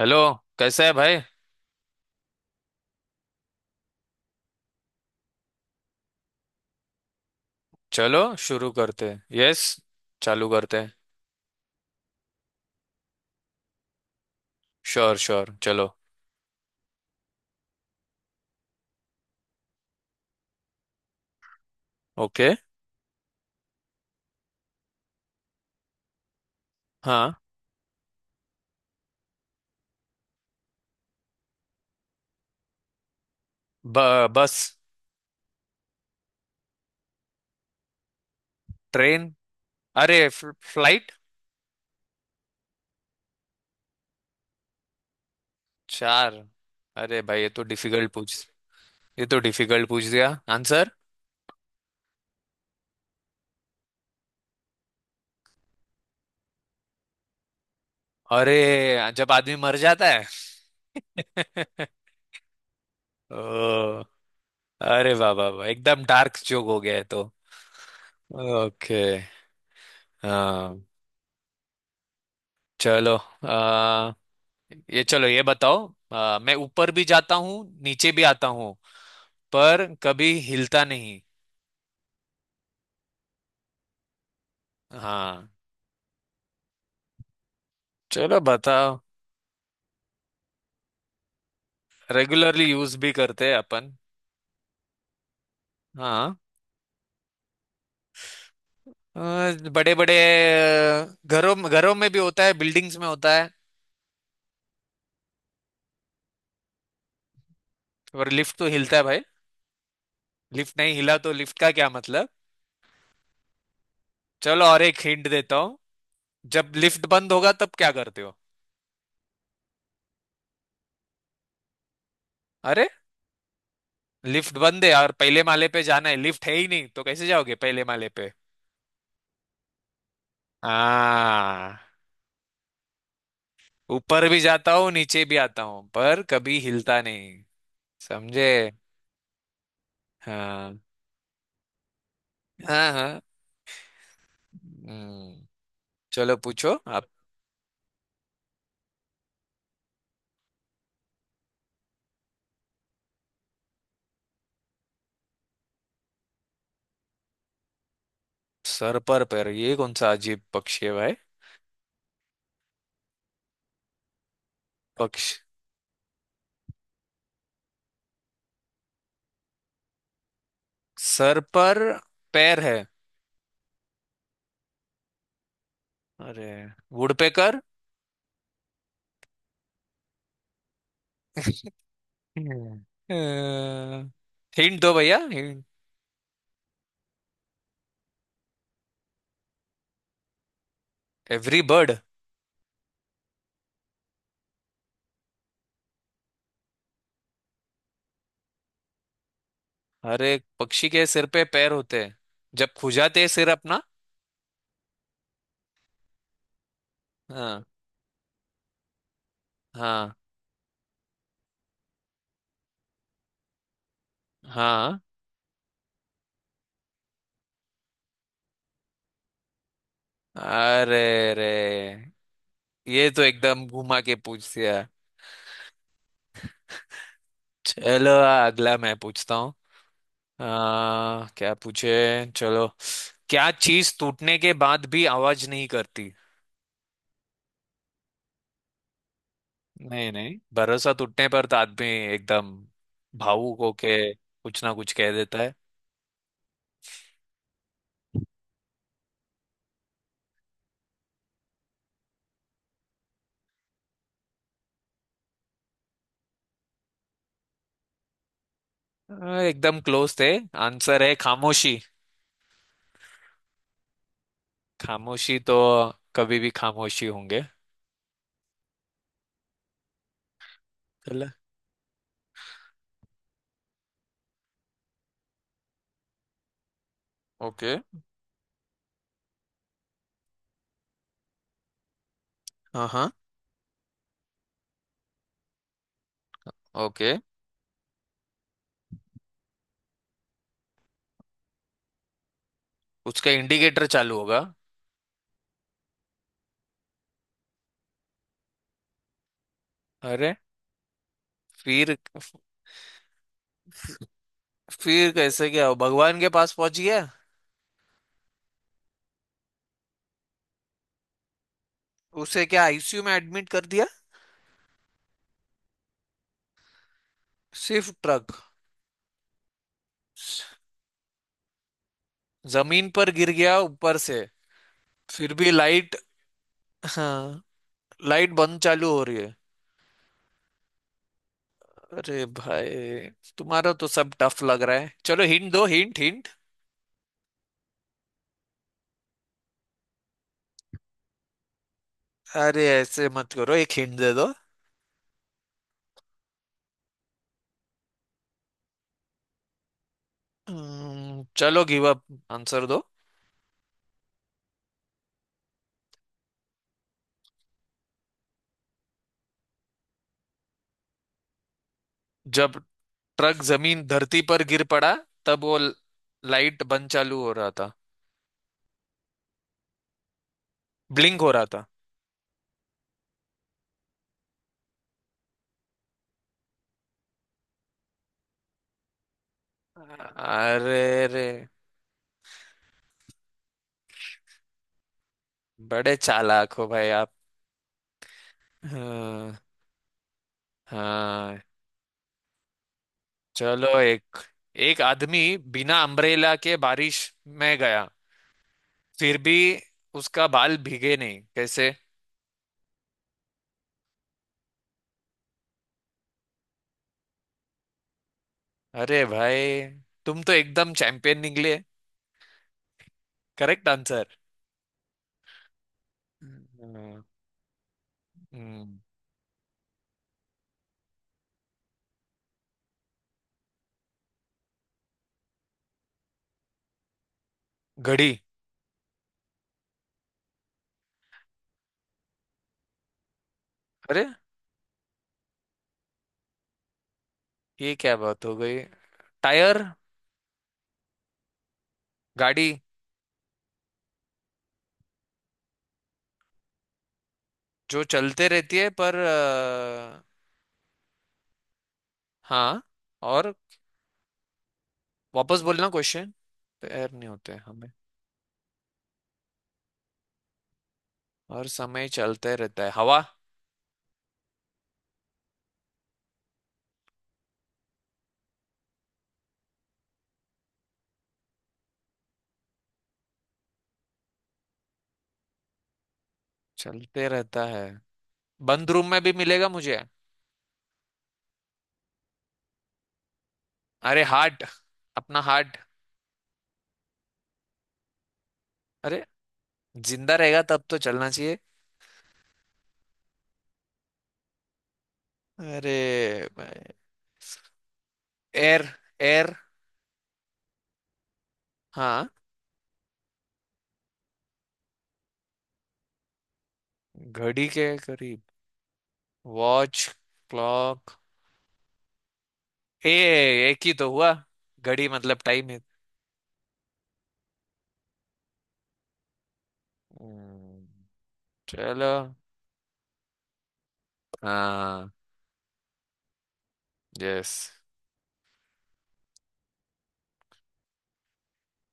Hello. कैसा है भाई? चलो शुरू करते हैं। यस, चालू करते हैं। श्योर श्योर, चलो। ओके। हाँ। बस। ट्रेन। अरे, फ्लाइट। चार। अरे भाई, ये तो डिफिकल्ट पूछ दिया। आंसर। अरे, जब आदमी मर जाता है। ओ, अरे वाह वाह वाह, एकदम डार्क जोक हो गया है तो। ओके। हाँ। चलो, ये चलो, ये बताओ। मैं ऊपर भी जाता हूँ, नीचे भी आता हूँ, पर कभी हिलता नहीं। हाँ। चलो बताओ। रेगुलरली यूज भी करते हैं अपन। हाँ। बड़े बड़े घरों घरों में भी होता है, बिल्डिंग्स में होता है। और लिफ्ट तो हिलता है भाई। लिफ्ट नहीं हिला तो लिफ्ट का क्या मतलब? चलो, और एक हिंट देता हूँ। जब लिफ्ट बंद होगा तब क्या करते हो? अरे, लिफ्ट बंद है और पहले माले पे जाना है, लिफ्ट है ही नहीं तो कैसे जाओगे पहले माले पे? हाँ। ऊपर भी जाता हूँ नीचे भी आता हूँ, पर कभी हिलता नहीं। समझे? हाँ। हाँ हाँ। हम्म, चलो पूछो आप। सर पर पैर, ये कौन सा अजीब पक्षी है भाई? पक्ष सर पर पैर है। अरे, वुडपेकर। हम्म, हिंट दो भैया हिंट। Every bird. हर एक पक्षी के सिर पे पैर होते हैं, जब खुजाते हैं सिर अपना। हाँ। हाँ हाँ। अरे रे, ये तो एकदम घुमा के पूछ दिया। चलो, अगला मैं पूछता हूँ। क्या पूछे। चलो, क्या चीज टूटने के बाद भी आवाज नहीं करती? नहीं नहीं, भरोसा टूटने पर तो आदमी एकदम भावुक होके कुछ ना कुछ कह देता है। एकदम क्लोज थे। आंसर है खामोशी। खामोशी तो कभी भी खामोशी होंगे। चलो। ओके। हाँ हाँ। ओके। उसका इंडिकेटर चालू होगा। अरे। फिर फिर कैसे क्या हो? भगवान के पास पहुंच गया। उसे क्या आईसीयू में एडमिट कर दिया? सिर्फ ट्रक। जमीन पर गिर गया ऊपर से। फिर भी लाइट। हाँ। लाइट बंद चालू हो रही है। अरे भाई, तुम्हारा तो सब टफ लग रहा है। चलो हिंट दो, हिंट हिंट। अरे ऐसे मत करो, एक हिंट दे दो। चलो गिव अप। आंसर दो। जब ट्रक जमीन धरती पर गिर पड़ा, तब वो लाइट बंद चालू हो रहा था। ब्लिंक हो रहा था। अरे रे। बड़े चालाक हो भाई आप। हाँ हाँ। चलो, एक एक आदमी बिना अम्ब्रेला के बारिश में गया, फिर भी उसका बाल भीगे नहीं, कैसे? अरे भाई, तुम तो एकदम चैंपियन निकले। Correct answer. हम्म, हम्म, घड़ी। अरे, ये क्या बात हो गई? टायर। गाड़ी। जो चलते रहती है, पर हाँ। और वापस बोलना क्वेश्चन। पैर नहीं होते हमें। और समय चलते रहता है। हवा चलते रहता है। बंद रूम में भी मिलेगा मुझे। अरे हार्ट। अपना हार्ट। अरे, जिंदा रहेगा तब तो चलना चाहिए। अरे, एयर एयर। हाँ। घड़ी के करीब। वॉच। क्लॉक। ए, एक ही तो हुआ, घड़ी मतलब टाइम है। हम्म, चलो। हाँ। यस।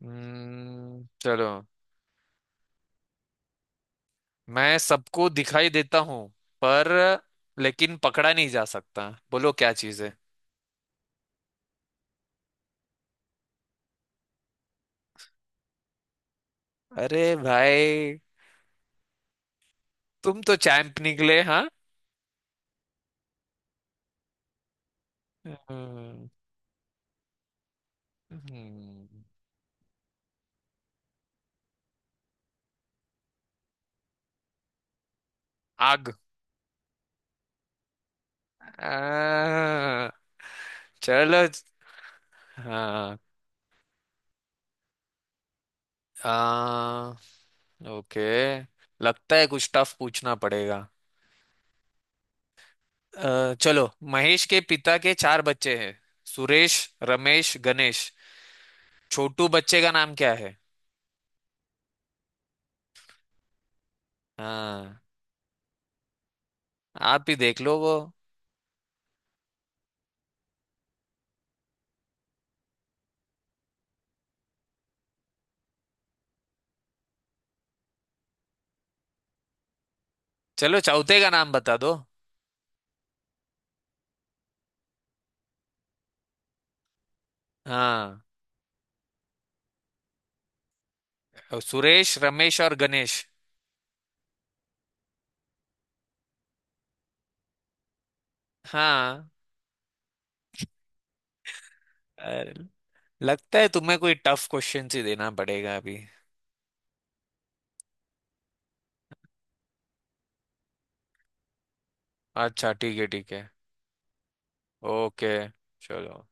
चलो। मैं सबको दिखाई देता हूँ, पर, लेकिन पकड़ा नहीं जा सकता, बोलो क्या चीज है? अरे भाई, तुम तो चैंप निकले हाँ। हम्म, हम्म, आग। आ, चलो। हाँ। आ, ओके। लगता है कुछ टफ पूछना पड़ेगा। चलो, महेश के पिता के चार बच्चे हैं। सुरेश, रमेश, गणेश। छोटू बच्चे का नाम क्या है? हाँ, आप ही देख लो वो। चलो, चौथे का नाम बता दो। हाँ, और सुरेश रमेश और गणेश। हाँ। अरे, लगता है तुम्हें कोई टफ क्वेश्चन ही देना पड़ेगा अभी। अच्छा ठीक है ठीक है। ओके। चलो।